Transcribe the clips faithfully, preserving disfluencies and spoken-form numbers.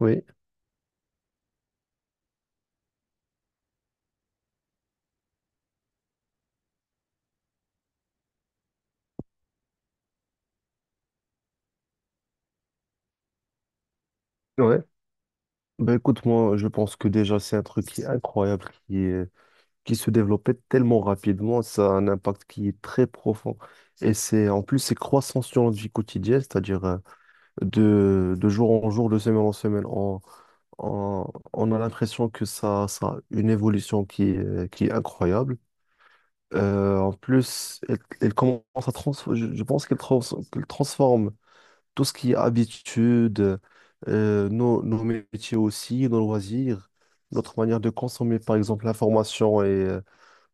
Oui, ouais. Ben écoute, moi, je pense que déjà, c'est un truc qui est incroyable, qui est- qui se développait tellement rapidement. Ça a un impact qui est très profond. Et c'est, en plus, c'est croissant sur notre vie quotidienne, c'est-à-dire euh, de, de jour en jour, de semaine en semaine. On, on, on a l'impression que ça, ça a une évolution qui est, qui est incroyable. Euh, en plus, elle, elle commence à transformer, je, je pense qu'elle trans- qu'elle transforme tout ce qui est habitude, euh, nos, nos métiers aussi, nos loisirs, notre manière de consommer, par exemple, l'information et euh,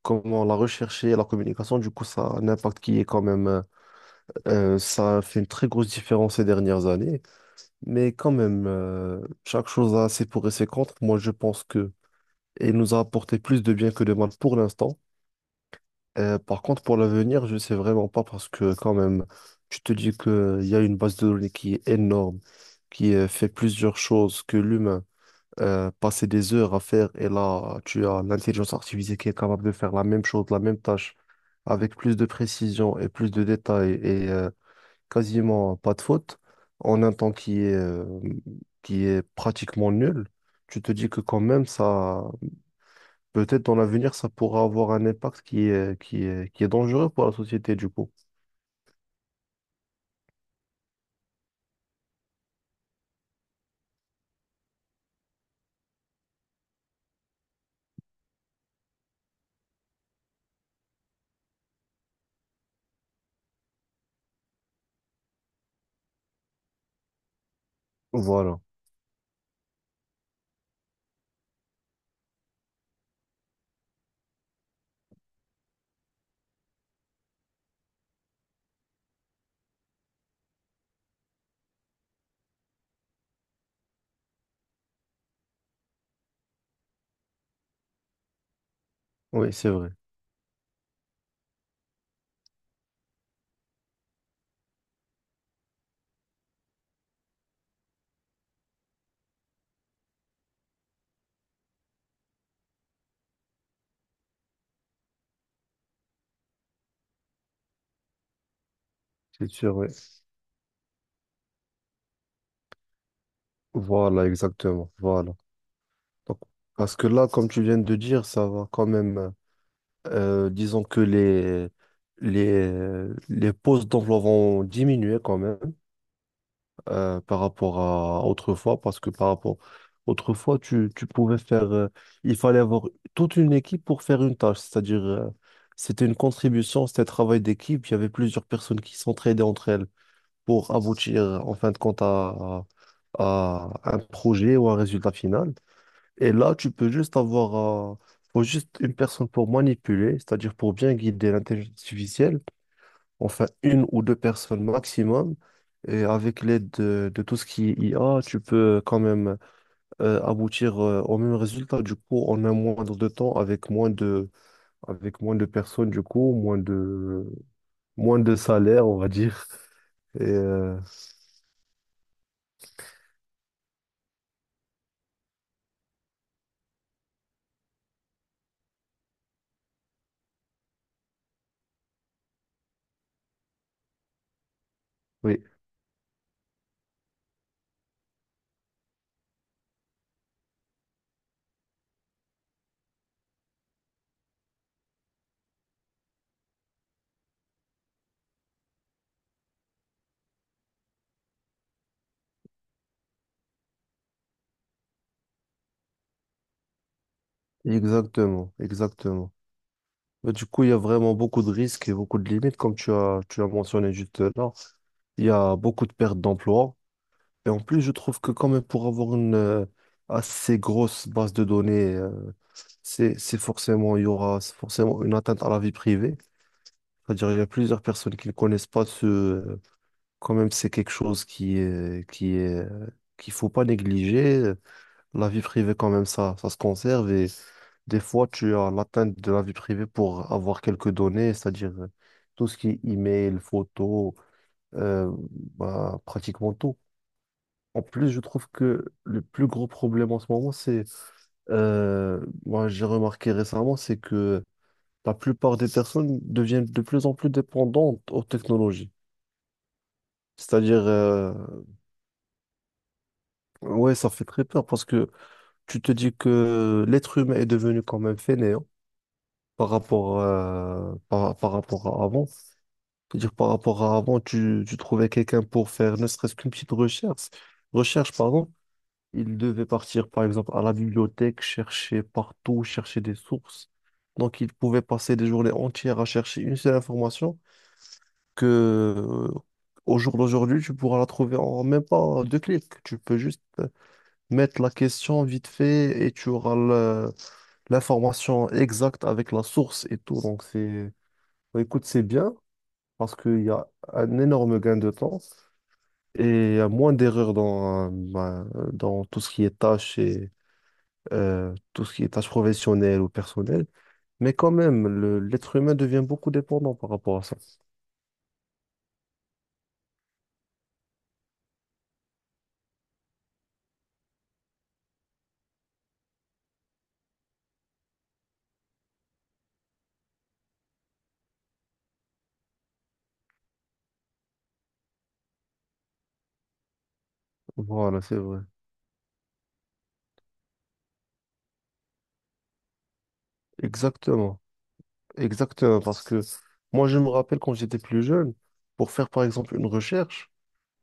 comment la rechercher, la communication, du coup, ça a un impact qui est quand même, euh, euh, ça a fait une très grosse différence ces dernières années. Mais quand même, euh, chaque chose a ses pour et ses contre. Moi, je pense que elle nous a apporté plus de bien que de mal pour l'instant. Euh, par contre, pour l'avenir, je sais vraiment pas parce que quand même, tu te dis qu'il y a une base de données qui est énorme, qui euh, fait plusieurs choses que l'humain euh, passait des heures à faire et là, tu as l'intelligence artificielle qui est capable de faire la même chose, la même tâche, avec plus de précision et plus de détails et euh, quasiment pas de faute, en un temps qui est, euh, qui est pratiquement nul. Tu te dis que quand même, ça, peut-être dans l'avenir, ça pourra avoir un impact qui est, qui est, qui est dangereux pour la société, du coup. Voilà. Oui, c'est vrai. C'est sûr, oui. Voilà, exactement. Voilà. Donc, parce que là, comme tu viens de dire, ça va quand même. Euh, disons que les, les, les postes d'emploi vont diminuer quand même. Euh, par rapport à autrefois, parce que par rapport autrefois, tu, tu pouvais faire, euh, il fallait avoir toute une équipe pour faire une tâche, c'est-à-dire euh, c'était une contribution, c'était un travail d'équipe, il y avait plusieurs personnes qui s'entraidaient entre elles pour aboutir en fin de compte à, à un projet ou un résultat final. Et là, tu peux juste avoir, euh, faut juste une personne pour manipuler, c'est-à-dire pour bien guider l'intelligence artificielle, enfin une ou deux personnes maximum. Et avec l'aide de, de tout ce qui est I a, tu peux quand même euh, aboutir euh, au même résultat, du coup, en un moindre de temps, avec moins de, avec moins de personnes, du coup, moins de, moins de salaire, on va dire. Et, euh, oui, exactement, exactement. Mais du coup, il y a vraiment beaucoup de risques et beaucoup de limites, comme tu as, tu as mentionné juste là. Il y a beaucoup de pertes d'emplois. Et en plus, je trouve que quand même pour avoir une euh, assez grosse base de données, euh, c'est, c'est forcément, il y aura forcément une atteinte à la vie privée. C'est-à-dire, il y a plusieurs personnes qui ne connaissent pas ce, euh, quand même, c'est quelque chose qui est, qui est, euh, qu'il faut pas négliger. La vie privée, quand même, ça, ça se conserve et des fois, tu as l'atteinte de la vie privée pour avoir quelques données, c'est-à-dire euh, tout ce qui est email, photo, euh, bah, pratiquement tout. En plus, je trouve que le plus gros problème en ce moment, c'est, euh, moi j'ai remarqué récemment, c'est que la plupart des personnes deviennent de plus en plus dépendantes aux technologies. C'est-à-dire, euh, ouais, ça fait très peur parce que tu te dis que l'être humain est devenu quand même fainéant par rapport, euh, par, par rapport à avant. C'est-à-dire, par rapport à avant, tu, tu trouvais quelqu'un pour faire ne serait-ce qu'une petite recherche, recherche, pardon. Il devait partir, par exemple, à la bibliothèque, chercher partout, chercher des sources. Donc, il pouvait passer des journées entières à chercher une seule information que, euh, au jour d'aujourd'hui, tu pourras la trouver en même pas deux clics. Tu peux juste euh, mettre la question vite fait et tu auras le- l'information exacte avec la source et tout. Donc, c'est, bah, écoute, c'est bien parce qu'il y a un énorme gain de temps et il y a moins d'erreurs dans, euh, bah, dans tout ce qui est tâches et euh, tout ce qui est tâches professionnelles ou personnelles. Mais quand même, le- l'être humain devient beaucoup dépendant par rapport à ça. Voilà, c'est vrai. Exactement. Exactement. Parce que moi, je me rappelle quand j'étais plus jeune, pour faire par exemple une recherche,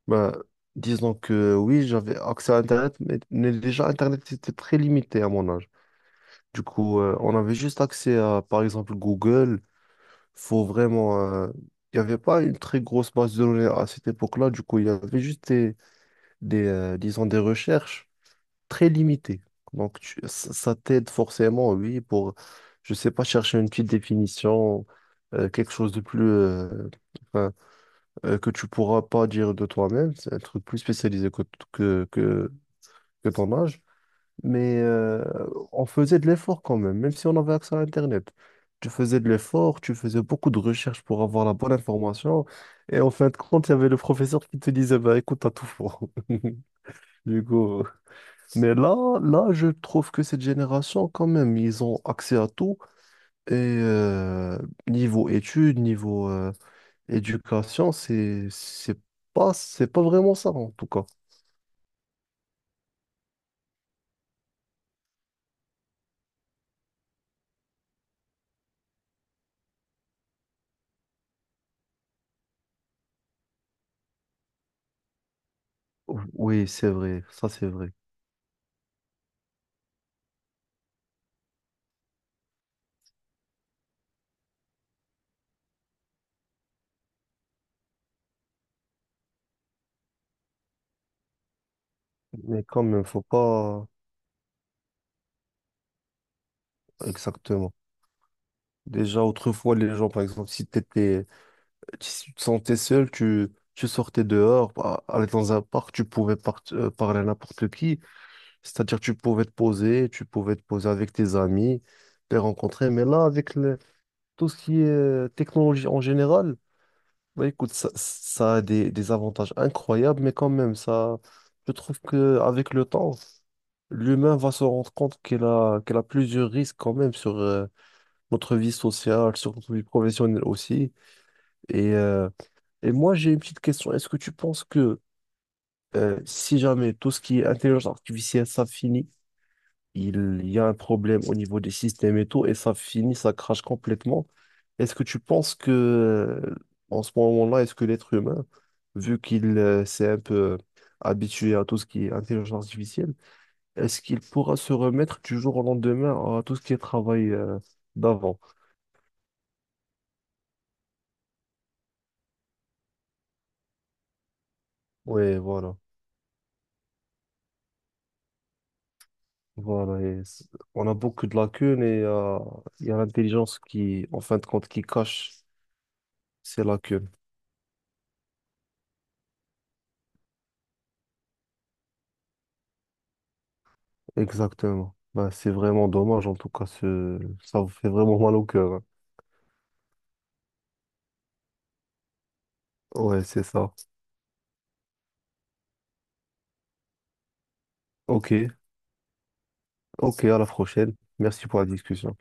bah, disons que oui, j'avais accès à Internet, mais, mais déjà Internet était très limité à mon âge. Du coup, euh, on avait juste accès à par exemple Google. Faut vraiment. euh, Il n'y avait pas une très grosse base de données à cette époque-là. Du coup, il y avait juste des, euh, disons, des recherches très limitées. Donc, tu- ça ça t'aide forcément, oui, pour, je sais pas, chercher une petite définition, euh, quelque chose de plus, euh, enfin, euh, que tu pourras pas dire de toi-même. C'est un truc plus spécialisé que, que, que, que ton âge. Mais euh, on faisait de l'effort quand même, même si on avait accès à Internet. Tu faisais de l'effort, tu faisais beaucoup de recherches pour avoir la bonne information. Et en fin de compte, il y avait le professeur qui te disait, bah, écoute, t'as tout faux. Du coup, mais là, là, je trouve que cette génération, quand même, ils ont accès à tout. Et euh, niveau études, niveau euh, éducation, c'est, c'est pas, c'est pas vraiment ça, en tout cas. Oui, c'est vrai, ça c'est vrai. Mais quand même, faut pas exactement. Déjà, autrefois, les gens, par exemple, si t'étais, si tu te sentais seul, tu, tu sortais dehors, à- aller dans un parc, tu pouvais par- euh, parler à n'importe qui. C'est-à-dire tu pouvais te poser, tu pouvais te poser avec tes amis, les rencontrer. Mais là, avec le- tout ce qui est euh, technologie en général, bah, écoute, ça, ça a des, des avantages incroyables, mais quand même, ça, je trouve que avec le temps, l'humain va se rendre compte qu'il a, qu'il a plusieurs risques quand même sur euh, notre vie sociale, sur notre vie professionnelle aussi. Et, euh, et moi, j'ai une petite question. Est-ce que tu penses que euh, si jamais tout ce qui est intelligence artificielle, ça finit, il y a un problème au niveau des systèmes et tout, et ça finit, ça crache complètement. Est-ce que tu penses que, euh, en ce moment-là, est-ce que l'être humain, vu qu'il euh, s'est un peu euh, habitué à tout ce qui est intelligence artificielle, est-ce qu'il pourra se remettre du jour au lendemain à tout ce qui est travail euh, d'avant? Oui, voilà. Voilà, et c- on a beaucoup de lacunes et euh, il y a l'intelligence qui, en fin de compte, qui cache ces lacunes. Exactement. Bah, c'est vraiment dommage, en tout cas, ce... ça vous fait vraiment mal au cœur, hein. Ouais, c'est ça. Ok, ok, à la prochaine. Merci pour la discussion.